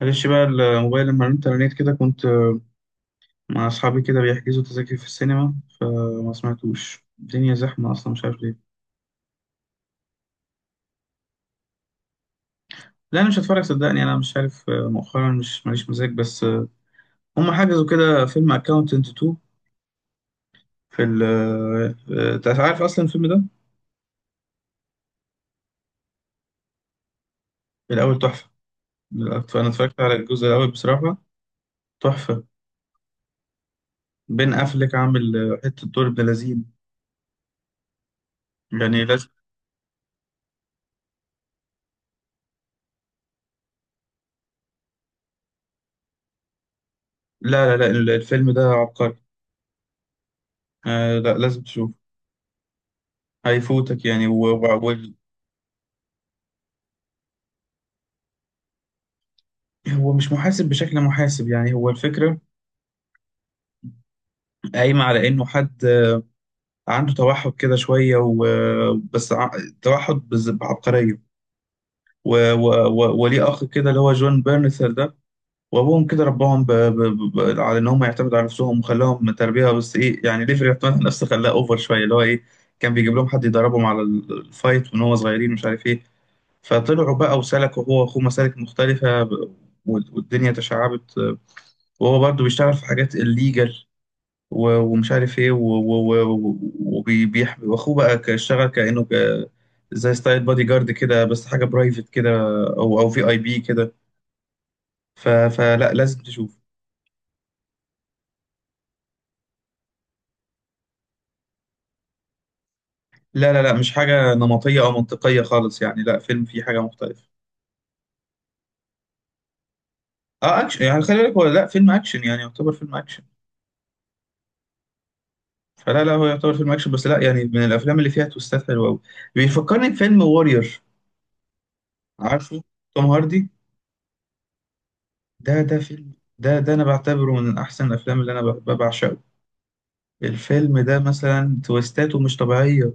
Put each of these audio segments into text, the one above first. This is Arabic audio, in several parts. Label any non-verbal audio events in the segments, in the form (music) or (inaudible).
معلش بقى الموبايل لما رنت على النت كده كنت مع أصحابي كده بيحجزوا تذاكر في السينما فما سمعتوش. الدنيا زحمة أصلا، مش عارف ليه. لا أنا مش هتفرج صدقني، أنا مش عارف، مؤخرا مش ماليش مزاج، بس هم حجزوا كده فيلم أكاونتنت 2. في ال أنت عارف أصلا الفيلم ده؟ الأول تحفة. أنا اتفرجت على الجزء الأول بصراحة، تحفة. بين أفلك عامل حتة دور ابن لذين، يعني لازم. لا الفيلم ده عبقري. آه، لا لازم تشوف، هيفوتك يعني. هو مش محاسب بشكل محاسب، يعني هو الفكرة قايمة على إنه حد عنده توحد كده شوية وبس، توحد بعبقرية. و- و- و- وليه أخ كده اللي هو جون بيرنثر ده، وأبوهم كده رباهم على إن هم يعتمدوا على نفسهم، وخلاهم تربية بس إيه، يعني ليفري يعتمد على نفسه، خلاه أوفر شوية، اللي هو إيه، كان بيجيب لهم حد يدربهم على الفايت وإن هو صغيرين، مش عارف إيه. فطلعوا بقى وسلكوا هو وأخوه مسالك مختلفة وال- والدنيا تشعبت، وهو برضه بيشتغل في حاجات الليجل، و- ومش عارف ايه، وبيحب واخوه بقى اشتغل كانه زي ستايل بادي جارد كده، بس حاجه برايفت كده، او او في اي بي كده. ف- فلا لازم تشوف. لا مش حاجه نمطيه او منطقيه خالص، يعني لا، فيلم فيه حاجه مختلفه. اه اكشن، يعني خلي بالك هو لا فيلم اكشن يعني، يعتبر فيلم اكشن. فلا لا، هو يعتبر فيلم اكشن بس لا، يعني من الافلام اللي فيها تويستات حلوه قوي. بيفكرني بفيلم وورير. عارفه. توم هاردي. ده فيلم، ده انا بعتبره من احسن الافلام اللي انا بعشقه. الفيلم ده مثلا تويستاته مش طبيعية.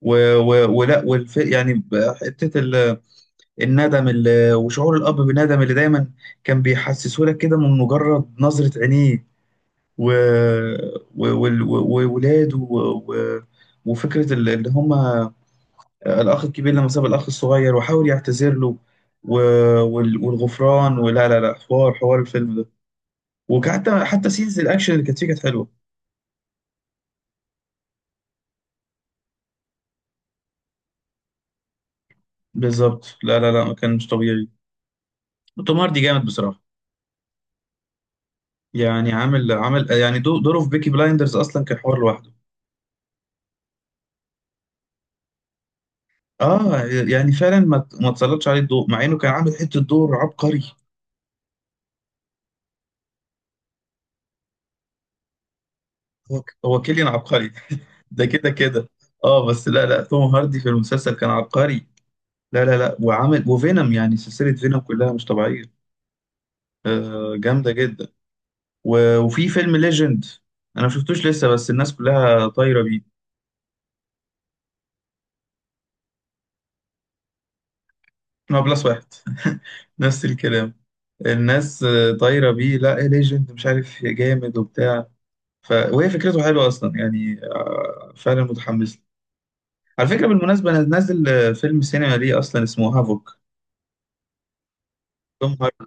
ولا يعني حتة الندم وشعور الأب بالندم اللي دايما كان بيحسسه لك كده من مجرد نظرة عينيه. و... و... وال- و... وولاده، وفكرة اللي هما الأخ الكبير لما ساب الأخ الصغير وحاول يعتذر له، و... والغفران. ولا لا لا حوار، حوار الفيلم ده. وحتى حتى سينز الأكشن اللي كانت فيه كانت حلوة. بالظبط، لا كان مش طبيعي. توم هاردي جامد بصراحه، يعني عامل عامل يعني دوره في بيكي بلايندرز اصلا كان حوار لوحده. اه يعني فعلا ما تسلطش عليه الضوء، مع انه كان عامل حته دور عبقري. هو هو كيليان عبقري، ده كده كده. اه بس لا لا، توم هاردي في المسلسل كان عبقري. لا وعامل وفينوم، يعني سلسله فينوم كلها مش طبيعيه. آه جامده جدا. و- وفي فيلم ليجند، انا ما شفتوش لسه، بس الناس كلها طايره بيه. هو بلس واحد، نفس الكلام، الناس آه، طايره بيه، لا ايه ليجند مش عارف جامد وبتاع. وهي فكرته حلوه اصلا يعني، آه، فعلا متحمس له. على فكره بالمناسبه انا نازل آه، فيلم سينما ليه اصلا اسمه هافوك. توم هاردي.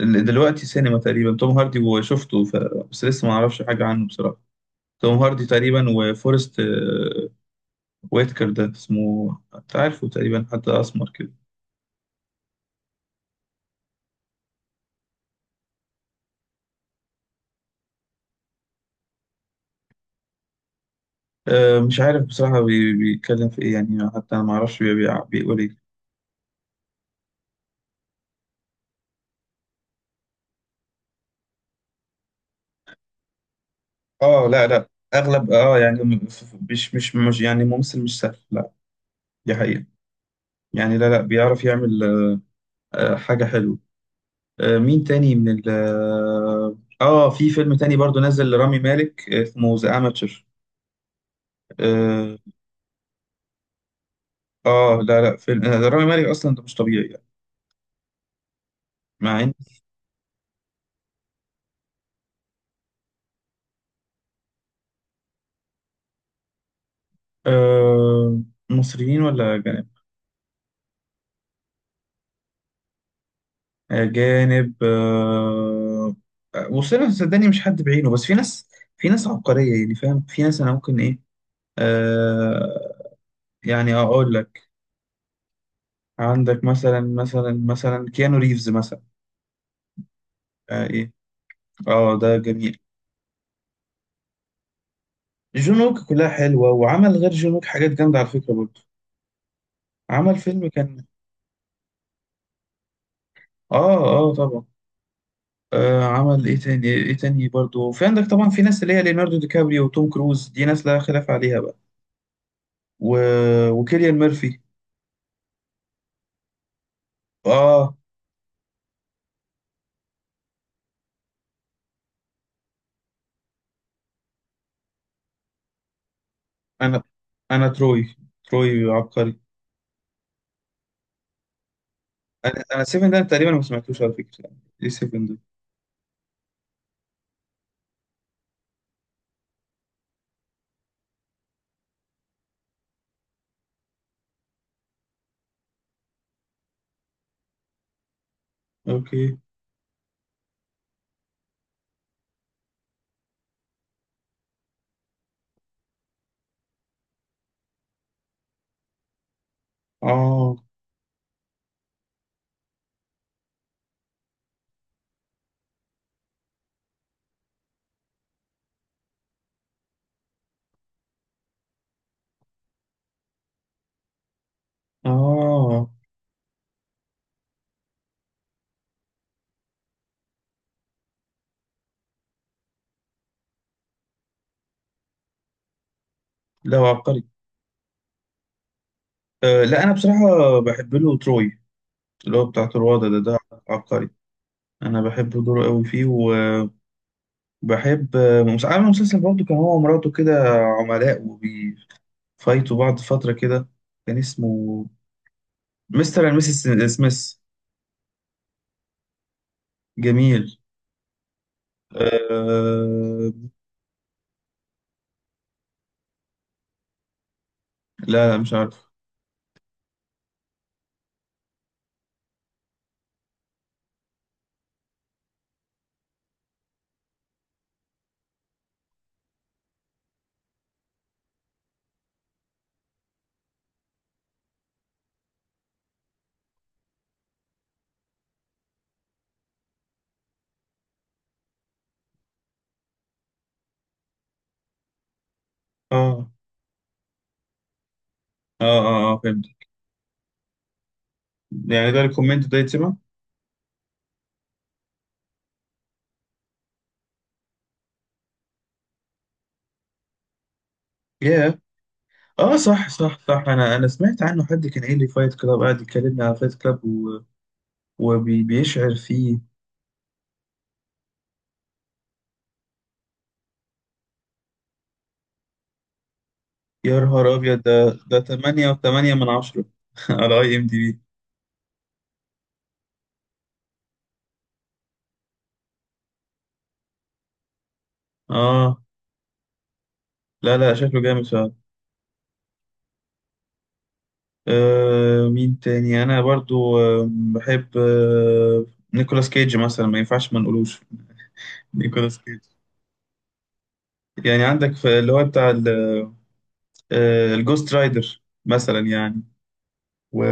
دلوقتي سينما تقريبا، توم هاردي وشفته بس لسه ما اعرفش حاجه عنه بصراحه. توم هاردي تقريبا وفورست آه، ويتكر ده اسمه، انت عارفه تقريبا، حتى اسمر كده. آه، مش عارف بصراحه بيتكلم في ايه، يعني حتى أنا ما اعرفش بيقول ايه. اه لا لا اغلب اه يعني مش يعني ممثل مش سهل لا. دي حقيقة. يعني لا لا بيعرف يعمل آه، حاجة حلوة. آه، مين تاني من ال اه، آه، في فيلم تاني برضو نزل لرامي مالك آه، اسمه ذا اماتشر. اه. آه، لا لا فيلم آه، ده رامي مالك اصلا، ده مش طبيعي يعني. مع ان آه، مصريين ولا جانب؟ اجانب آه. وصلنا صدقني، مش حد بعينه، بس في ناس، في ناس عبقرية يعني، فاهم، في ناس انا ممكن ايه، آه، يعني اقول لك، عندك مثلا مثلا كيانو ريفز مثلا. آه ايه، اه ده جميل. جون ويك كلها حلوه، وعمل غير جون ويك حاجات جامده على فكره برضه. عمل فيلم كان، اه اه طبعا، آه عمل ايه تاني، ايه تاني برضه. وفي عندك طبعا في ناس اللي هي ليوناردو دي كابريو وتوم كروز، دي ناس لا خلاف عليها بقى. و... وكيليان ميرفي. اه. انا انا تروي، تروي عبقري. انا انا سيفن ده تقريبا ما سمعتوش على فكره، ايه سيفن ده؟ اوكي. اه اه. لا هو عبقري. أه لا انا بصراحه بحب له تروي، اللي هو بتاع تروادة ده، ده عبقري. انا بحب دوره قوي فيه. وبحب آه، عامل مسلسل برضه كان هو ومراته كده عملاء وبيفايتوا بعض فتره كده، كان اسمه مستر اند ميسيس سميث. جميل. أه. لا لا مش عارف. اه اه اه، آه فهمت. يعني ده الكومنت ده يتسمع. ياه. اه صح صح صح، انا انا سمعت عنه، حد كان قايل لي فايت كلاب، قاعد يكلمني على فايت كلاب وبيشعر فيه. يا نهار أبيض، ده 8.8/10 (laughs) على IMDb. آه لا لا شكله جامد فعلا. آه مين تاني أنا برضو آه بحب آه، نيكولاس كيج مثلا ما ينفعش ما نقولوش. (laughs) نيكولاس كيج، يعني عندك في اللي هو بتاع آه الجوست رايدر مثلا يعني. و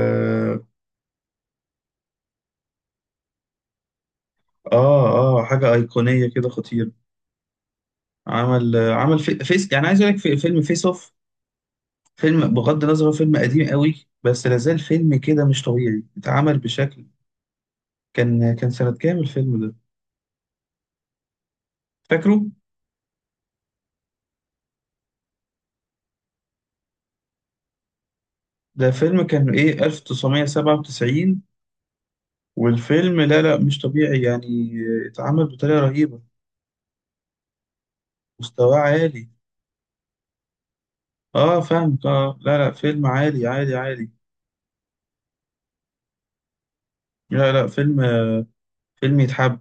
آه آه، حاجة أيقونية كده خطيرة. عمل آه، عمل فيس، يعني عايز أقول لك في فيلم فيس أوف. فيلم بغض النظر هو فيلم قديم قوي، بس لازال فيلم كده مش طبيعي، اتعمل بشكل، كان كان سنة كام الفيلم ده فاكره؟ ده فيلم كان ايه 1997. والفيلم لا لا مش طبيعي يعني، اتعمل بطريقة رهيبة. مستواه عالي. اه فاهمك، اه لا لا فيلم عالي عالي عالي. لا لا فيلم، فيلم يتحب.